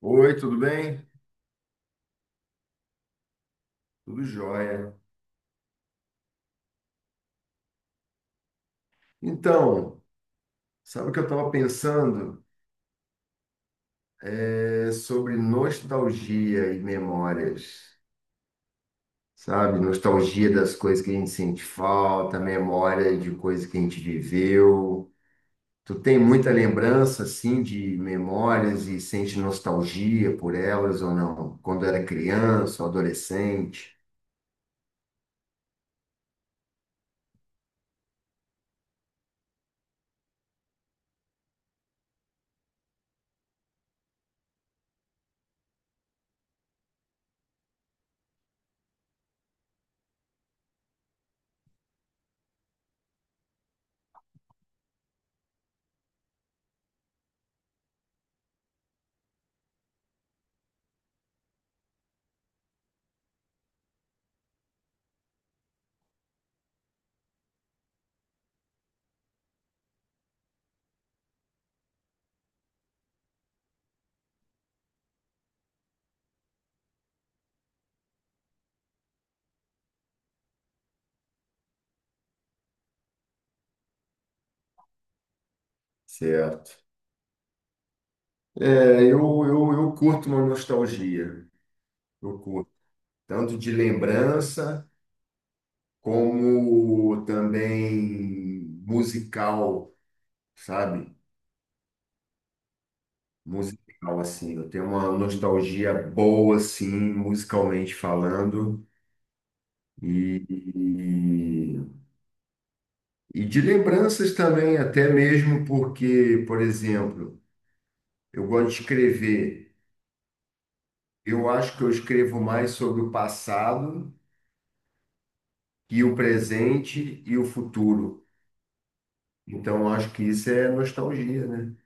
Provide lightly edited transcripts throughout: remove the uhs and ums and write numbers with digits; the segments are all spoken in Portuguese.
Oi, tudo bem? Tudo jóia. Então, sabe o que eu estava pensando? É sobre nostalgia e memórias, sabe? Nostalgia das coisas que a gente sente falta, memória de coisas que a gente viveu. Tu tem muita lembrança, assim, de memórias e sente nostalgia por elas ou não? Quando era criança ou adolescente? Certo. É, eu curto uma nostalgia. Eu curto. Tanto de lembrança, como também musical, sabe? Musical, assim. Eu tenho uma nostalgia boa, assim, musicalmente falando, e, e de lembranças também, até mesmo porque, por exemplo, eu gosto de escrever. Eu acho que eu escrevo mais sobre o passado e o presente e o futuro. Então, eu acho que isso é nostalgia, né?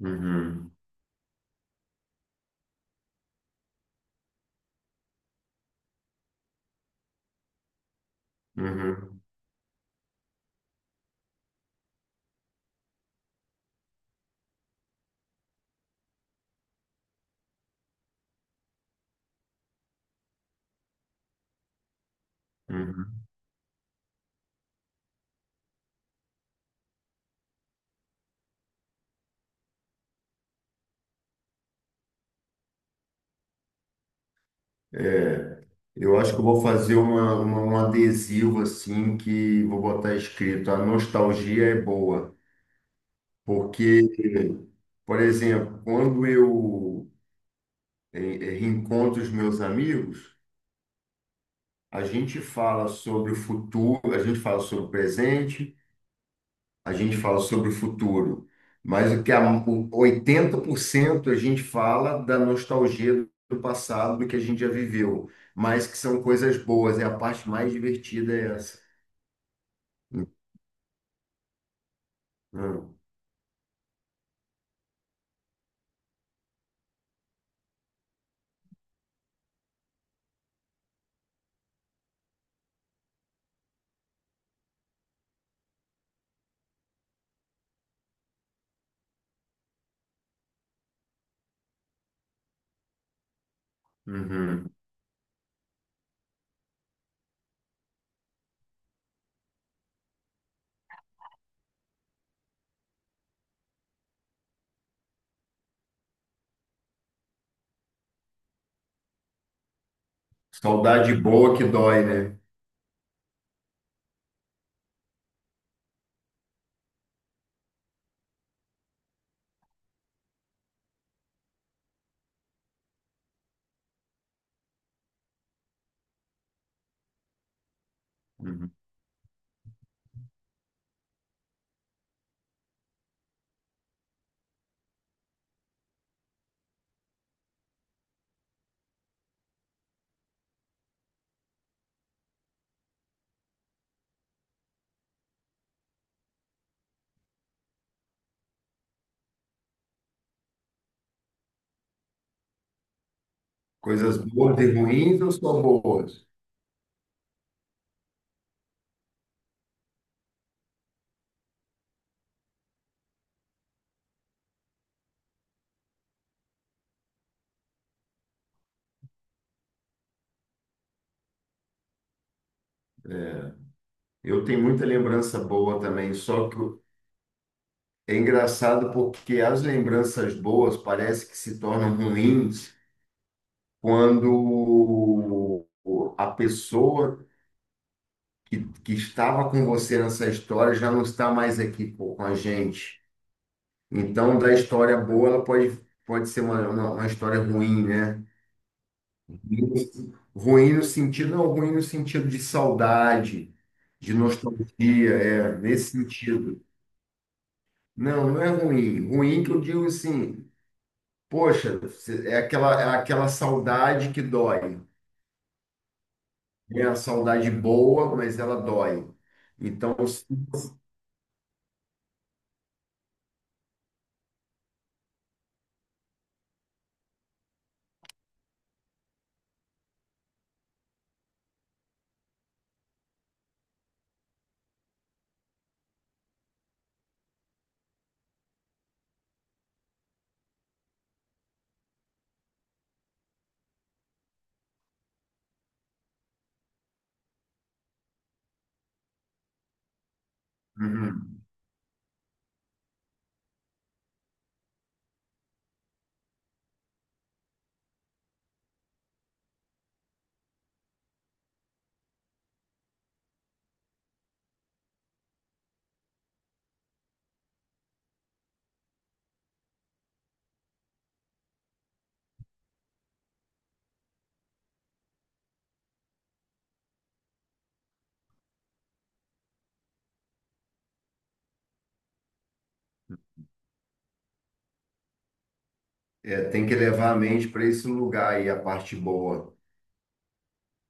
Uhum, uhum, uhum. É, eu acho que eu vou fazer uma, um adesivo assim que vou botar escrito, a nostalgia é boa, porque, por exemplo, quando eu reencontro os meus amigos, a gente fala sobre o futuro, a gente fala sobre o presente, a gente fala sobre o futuro, mas o 80% a gente fala da nostalgia do passado, do que a gente já viveu, mas que são coisas boas, é a parte mais divertida é essa. Hum, uhum. Saudade boa que dói, né? Uhum. Coisas boas e ruins ou só boas? Eu tenho muita lembrança boa também, só que é engraçado porque as lembranças boas parece que se tornam ruins quando a pessoa que estava com você nessa história já não está mais aqui pô, com a gente. Então, da história boa, ela pode, pode ser uma, uma história ruim, né? Ruim no sentido, não, ruim no sentido de saudade, de nostalgia, é, nesse sentido. Não, não é ruim. Ruim que eu digo assim, poxa, é aquela saudade que dói. É a saudade boa, mas ela dói. Então, uhum, é, tem que levar a mente para esse lugar aí, a parte boa,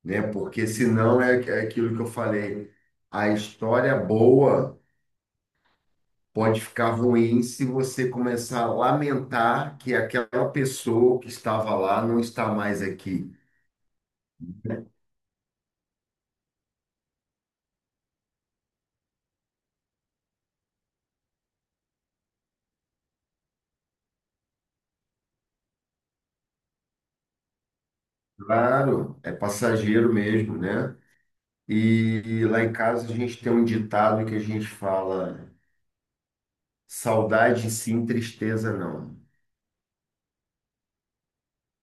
né? Porque senão é, é aquilo que eu falei, a história boa pode ficar ruim se você começar a lamentar que aquela pessoa que estava lá não está mais aqui. Claro, é passageiro mesmo, né? E lá em casa a gente tem um ditado que a gente fala: saudade sim, tristeza não.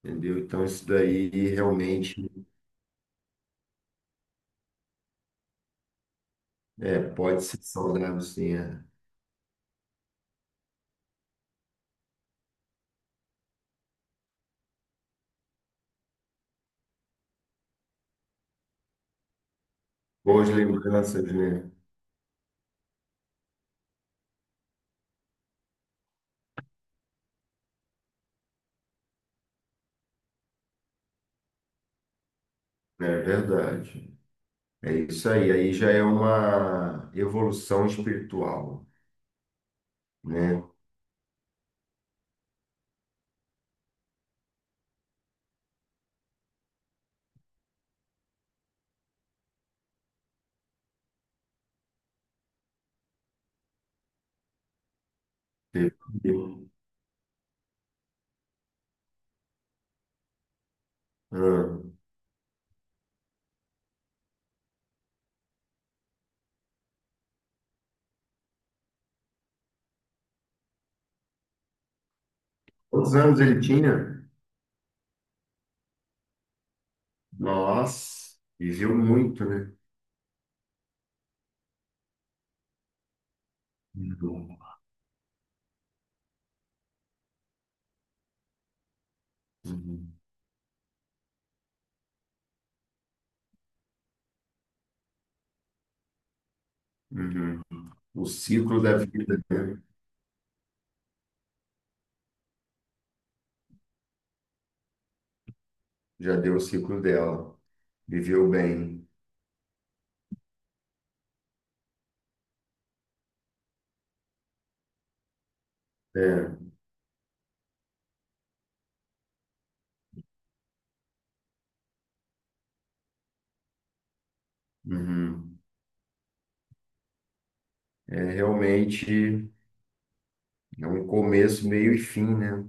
Entendeu? Então isso daí realmente é, pode ser saudável, sim. É. Boas lembranças, né? É verdade. É isso aí. Aí já é uma evolução espiritual, né? Teve, ah, quantos anos ele tinha? Nossa, viveu muito, né? Uhum. Uhum. Uhum. O ciclo da vida, né? Já deu o ciclo dela. Viveu bem. É, uhum. É realmente é um começo, meio e fim, né?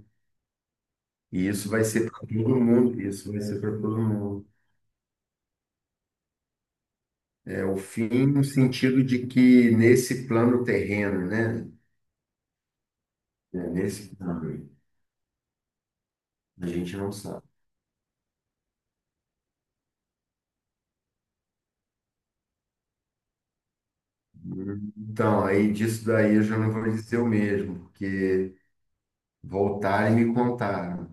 E isso vai ser para todo mundo. Isso vai ser para todo mundo. É o fim no sentido de que nesse plano terreno, né? É, nesse plano, a gente não sabe. Então, aí disso daí eu já não vou dizer o mesmo, porque voltaram e me contaram.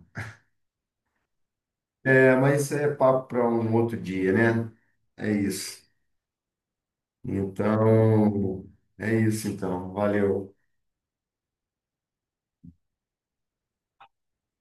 É, mas isso é papo para um outro dia, né? É isso. Então, é isso então. Valeu.